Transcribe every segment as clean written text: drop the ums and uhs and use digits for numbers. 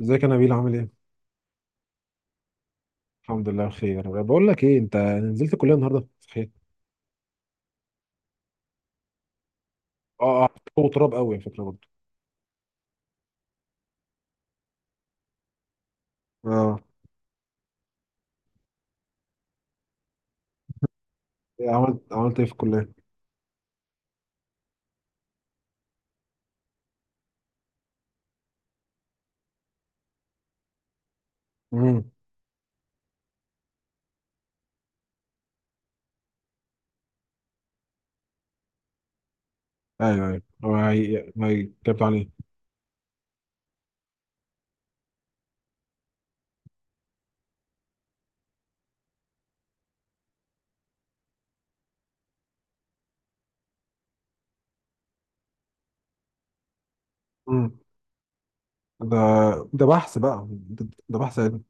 ازيك يا نبيل عامل ايه؟ الحمد لله بخير. بقول لك ايه، انت نزلت الكليه النهارده صحيح؟ اه. هو تراب قوي على فكره برضه. اه. إيه عملت ايه في الكليه؟ امم ايوه. هو ما جبت عليه. امم ده، ده بحث علمي.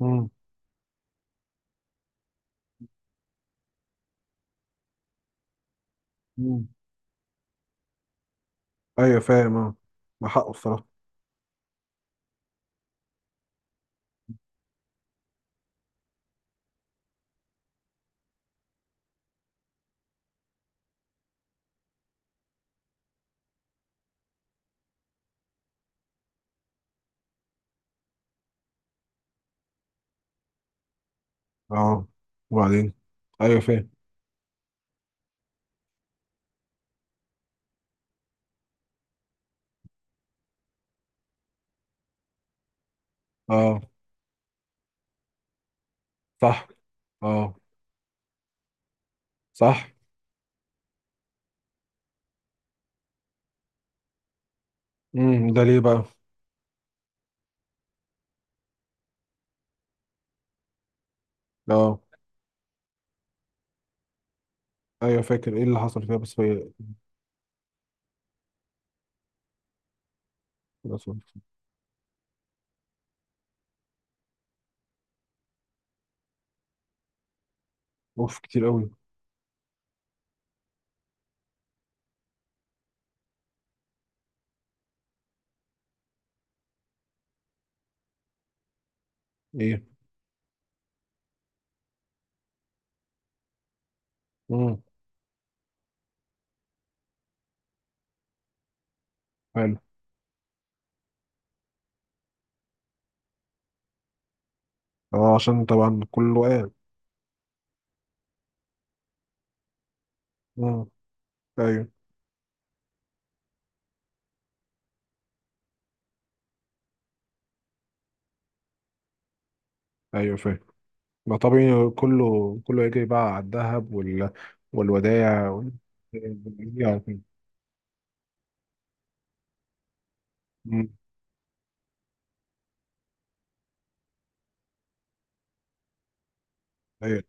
امم امم ايوه فاهم. اه ما حقه الصراحه. اه وبعدين. ايوه فاهم. اه صح. اه صح. ده ليه بقى؟ اه. ايوه فاكر. ايه اللي حصل فيها؟ بس هي... اوف كتير قوي. ايه؟ حلو. اه عشان طبعا كله قال. مم. ايوه ايوه فاهم. ما طبيعي، كله يجري بقى على الذهب والودائع يعني. مم. ايوه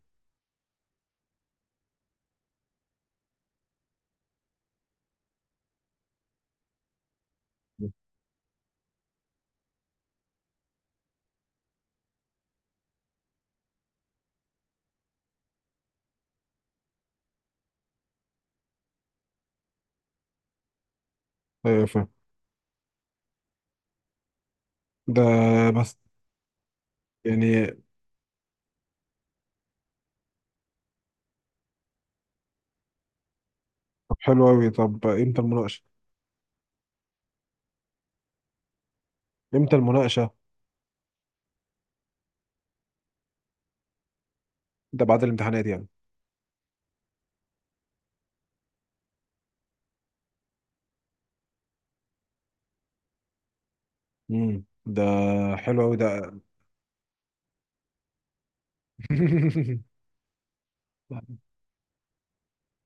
ايوه فاهم. ده بس يعني. طب حلو قوي، طب امتى المناقشه؟ امتى المناقشه؟ ده بعد الامتحانات يعني. ده حلو قوي ده.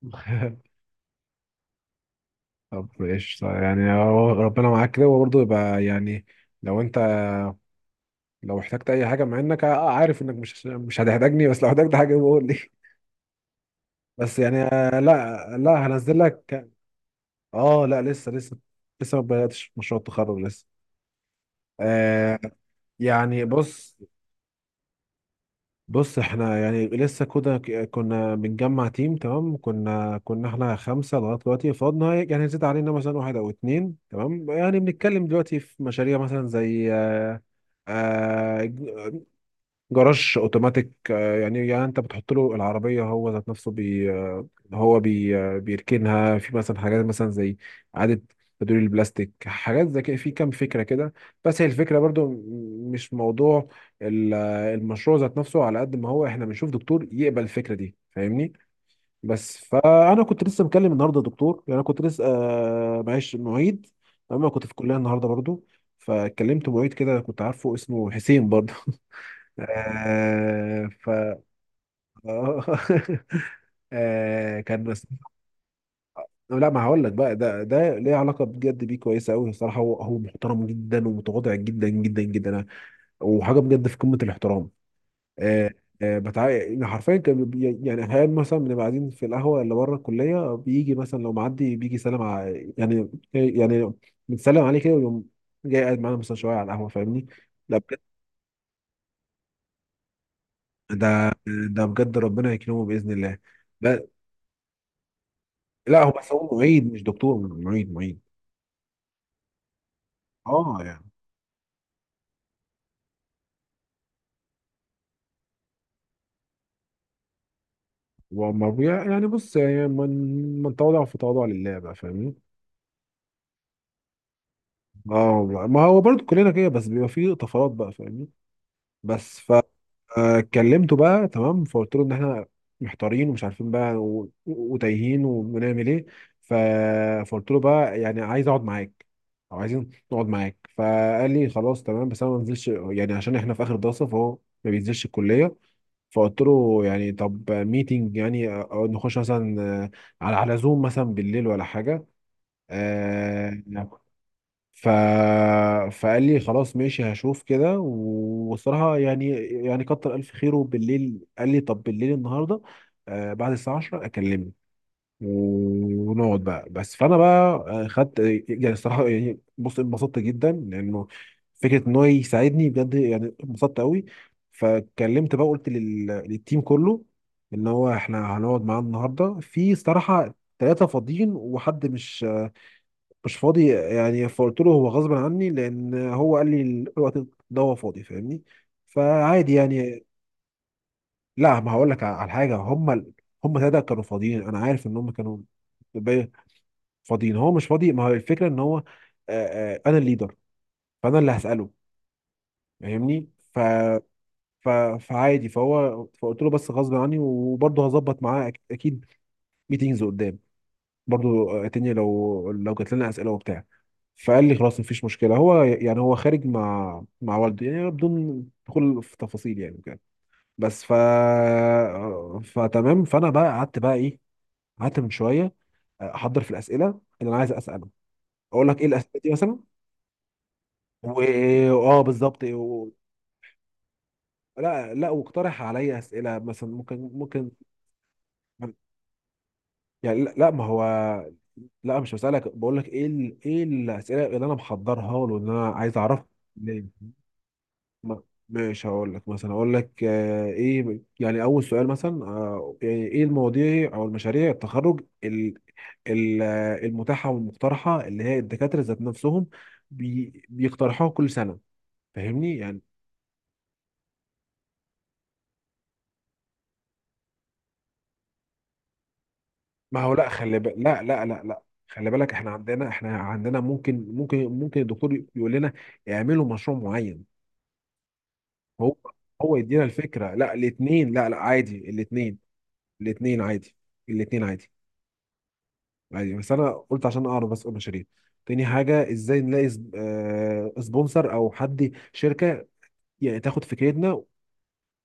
طب ايش يعني، هو ربنا معاك كده وبرضه يبقى يعني، لو انت، لو احتجت اي حاجه، مع انك عارف انك مش هتحتاجني، بس لو احتجت حاجه بقول لي. بس يعني لا هنزل لك. اه لا لسه لسه ما بداتش مشروع التخرج لسه. آه يعني بص. بص احنا يعني لسه كده، كنا بنجمع تيم. تمام، كنا احنا خمسه لغايه دلوقتي، فاضنا يعني زاد علينا مثلا واحد او اتنين. تمام يعني بنتكلم دلوقتي في مشاريع مثلا زي آه، جراج اوتوماتيك، يعني، يعني انت بتحط له العربيه، هو ذات نفسه بي آه، هو بي آه، بيركنها. في مثلا حاجات مثلا زي اعاده تدوير البلاستيك، حاجات زي كده، في كام فكره كده. بس هي الفكره برضو مش موضوع المشروع ذات نفسه، على قد ما هو احنا بنشوف دكتور يقبل الفكره دي، فاهمني. بس فانا كنت لسه مكلم النهارده دكتور، يعني انا كنت لسه معيش معيد اما كنت في الكليه النهارده برضو. فكلمت معيد كده كنت عارفه، اسمه حسين برضه. آه ف... آه آه كان بس. لا ما هقول لك بقى، ده ده ليه علاقه بجد، بيه كويسه قوي الصراحه. هو محترم جدا ومتواضع جدا جدا جدا، وحاجه بجد في قمه الاحترام. آه. آه بتاع، يعني حرفيا كان يعني احيانا مثلا بنبقى قاعدين في القهوه اللي بره الكليه، بيجي مثلا لو معدي بيجي يسلم على، يعني بنسلم عليه كده، ويقوم جاي قاعد معانا مثلا شويه على القهوه، فاهمني. لا بجد، ده ده بجد ربنا يكرمه باذن الله. لا هو بس هو معيد مش دكتور، معيد. اه يعني. هو يعني بص يعني، من تواضع في تواضع لله بقى، فاهمني. اه والله. ما هو برضو كلنا كده بس بيبقى فيه طفرات بقى، فاهمني. بس فكلمته بقى تمام، فقلت له ان احنا محتارين ومش عارفين بقى، وتايهين ونعمل ايه. ف... فقلت له بقى يعني عايز اقعد معاك او عايزين نقعد معاك. فقال لي خلاص تمام بس انا ما بنزلش، يعني عشان احنا في اخر دراسه، فهو ما بينزلش الكليه. فقلت له يعني طب ميتنج، يعني أو نخش مثلا على زوم مثلا بالليل ولا حاجة. آه، ف فقال لي خلاص ماشي هشوف كده. وصراحة يعني، يعني كتر ألف خيره، بالليل قال لي طب بالليل النهاردة بعد الساعة 10 أكلمك ونقعد بقى. بس فانا بقى خدت، يعني الصراحه يعني بص، انبسطت جدا لانه فكره ان هو يساعدني بجد، يعني انبسطت قوي. فكلمت بقى، قلت للتيم كله ان هو احنا هنقعد معاه النهارده. في صراحه ثلاثه فاضيين وحد مش فاضي، يعني فقلت له هو غصب عني، لان هو قال لي الوقت ده هو فاضي، فاهمني. فعادي يعني. لا ما هقول لك على حاجه، هم ثلاثه كانوا فاضيين، انا عارف ان هم كانوا فاضيين، هو مش فاضي. ما هو الفكره ان هو انا الليدر، فانا اللي هساله، فاهمني. ف ف فعادي. فهو فقلت له بس غصب عني، وبرضه هظبط معاه اكيد ميتينجز قدام برضه اتني، لو لو جات لنا اسئله وبتاع. فقال لي خلاص مفيش مشكله، هو يعني هو خارج مع والده، يعني بدون دخول في تفاصيل يعني، وكده. بس فتمام، فانا بقى قعدت بقى ايه، قعدت من شويه احضر في الاسئله اللي انا عايز اساله. اقول لك ايه الاسئله دي مثلا؟ و... اه بالظبط لا لا، واقترح عليا اسئله مثلا، ممكن. يعني لا ما هو، لا مش بسالك، بقول لك ايه ايه الاسئله اللي انا محضرها له ان انا عايز اعرفها. ليه؟ ما... مش هقول لك مثلا، اقول لك آه ايه، يعني اول سؤال مثلا آه، يعني ايه المواضيع او المشاريع التخرج ال... ال... آه، المتاحه والمقترحه، اللي هي الدكاتره ذات نفسهم بيقترحوها كل سنه، فاهمني يعني. ما هو لا، خلي بالك، لا، خلي بالك احنا عندنا، احنا عندنا ممكن الدكتور يقول لنا اعملوا مشروع معين. هو هو يدينا الفكره، لا الاثنين، لا لا عادي الاثنين، الاثنين عادي، الاثنين عادي، عادي. بس انا قلت عشان اعرف بس. اقول مشاريع تاني حاجه، ازاي نلاقي سبونسر او حد شركه يعني تاخد فكرتنا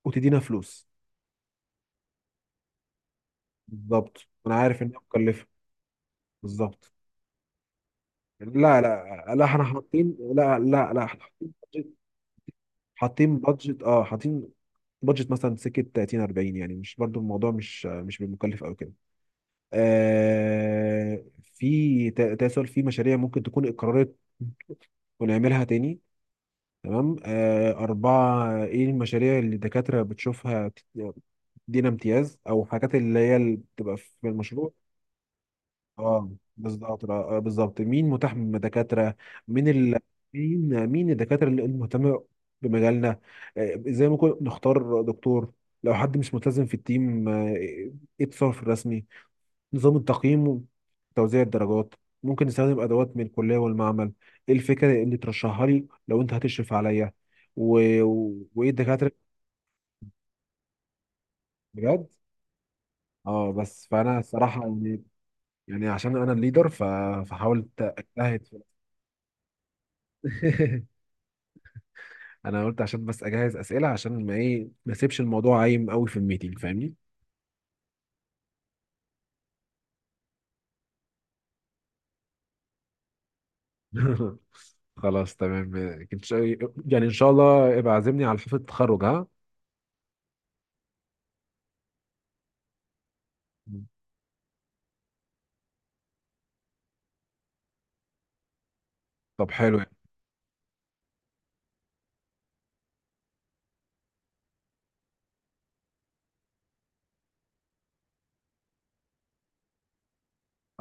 وتدينا فلوس. بالظبط انا عارف انها مكلفه. بالظبط. لا احنا حاطين، لا احنا حاطين، حاطين بادجت، اه حاطين بادجت مثلا سكه 30 40، يعني مش برضو الموضوع مش مش بالمكلف او كده. آه في تسول في مشاريع ممكن تكون اتكررت ونعملها تاني. تمام. آه أربعة، إيه المشاريع اللي الدكاترة بتشوفها دينا امتياز، أو حاجات اللي هي اللي بتبقى في المشروع. اه بالظبط. بالظبط مين متاح من دكاترة، مين ال... مين الدكاترة اللي مهتمة بمجالنا. ازاي ممكن نختار دكتور لو حد مش ملتزم في التيم. ايه التصرف الرسمي، نظام التقييم وتوزيع الدرجات. ممكن نستخدم ادوات من الكلية والمعمل. ايه الفكرة اللي ترشحها لي لو انت هتشرف عليا، وايه الدكاترة. بجد. اه بس فانا الصراحة يعني، يعني عشان انا الليدر فحاولت اجتهد في. انا قلت عشان بس اجهز اسئله، عشان ما ما اسيبش الموضوع عايم قوي في الميتنج، فاهمني. خلاص تمام. إن شاء- يعني ان شاء الله ابقى عازمني على حفله التخرج، ها؟ طب حلو يعني.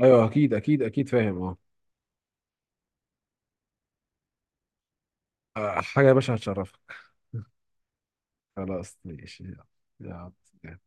ايوه اكيد فاهم. اه. آه، حاجه يا باشا هتشرفك. خلاص ماشي يلا. يلا.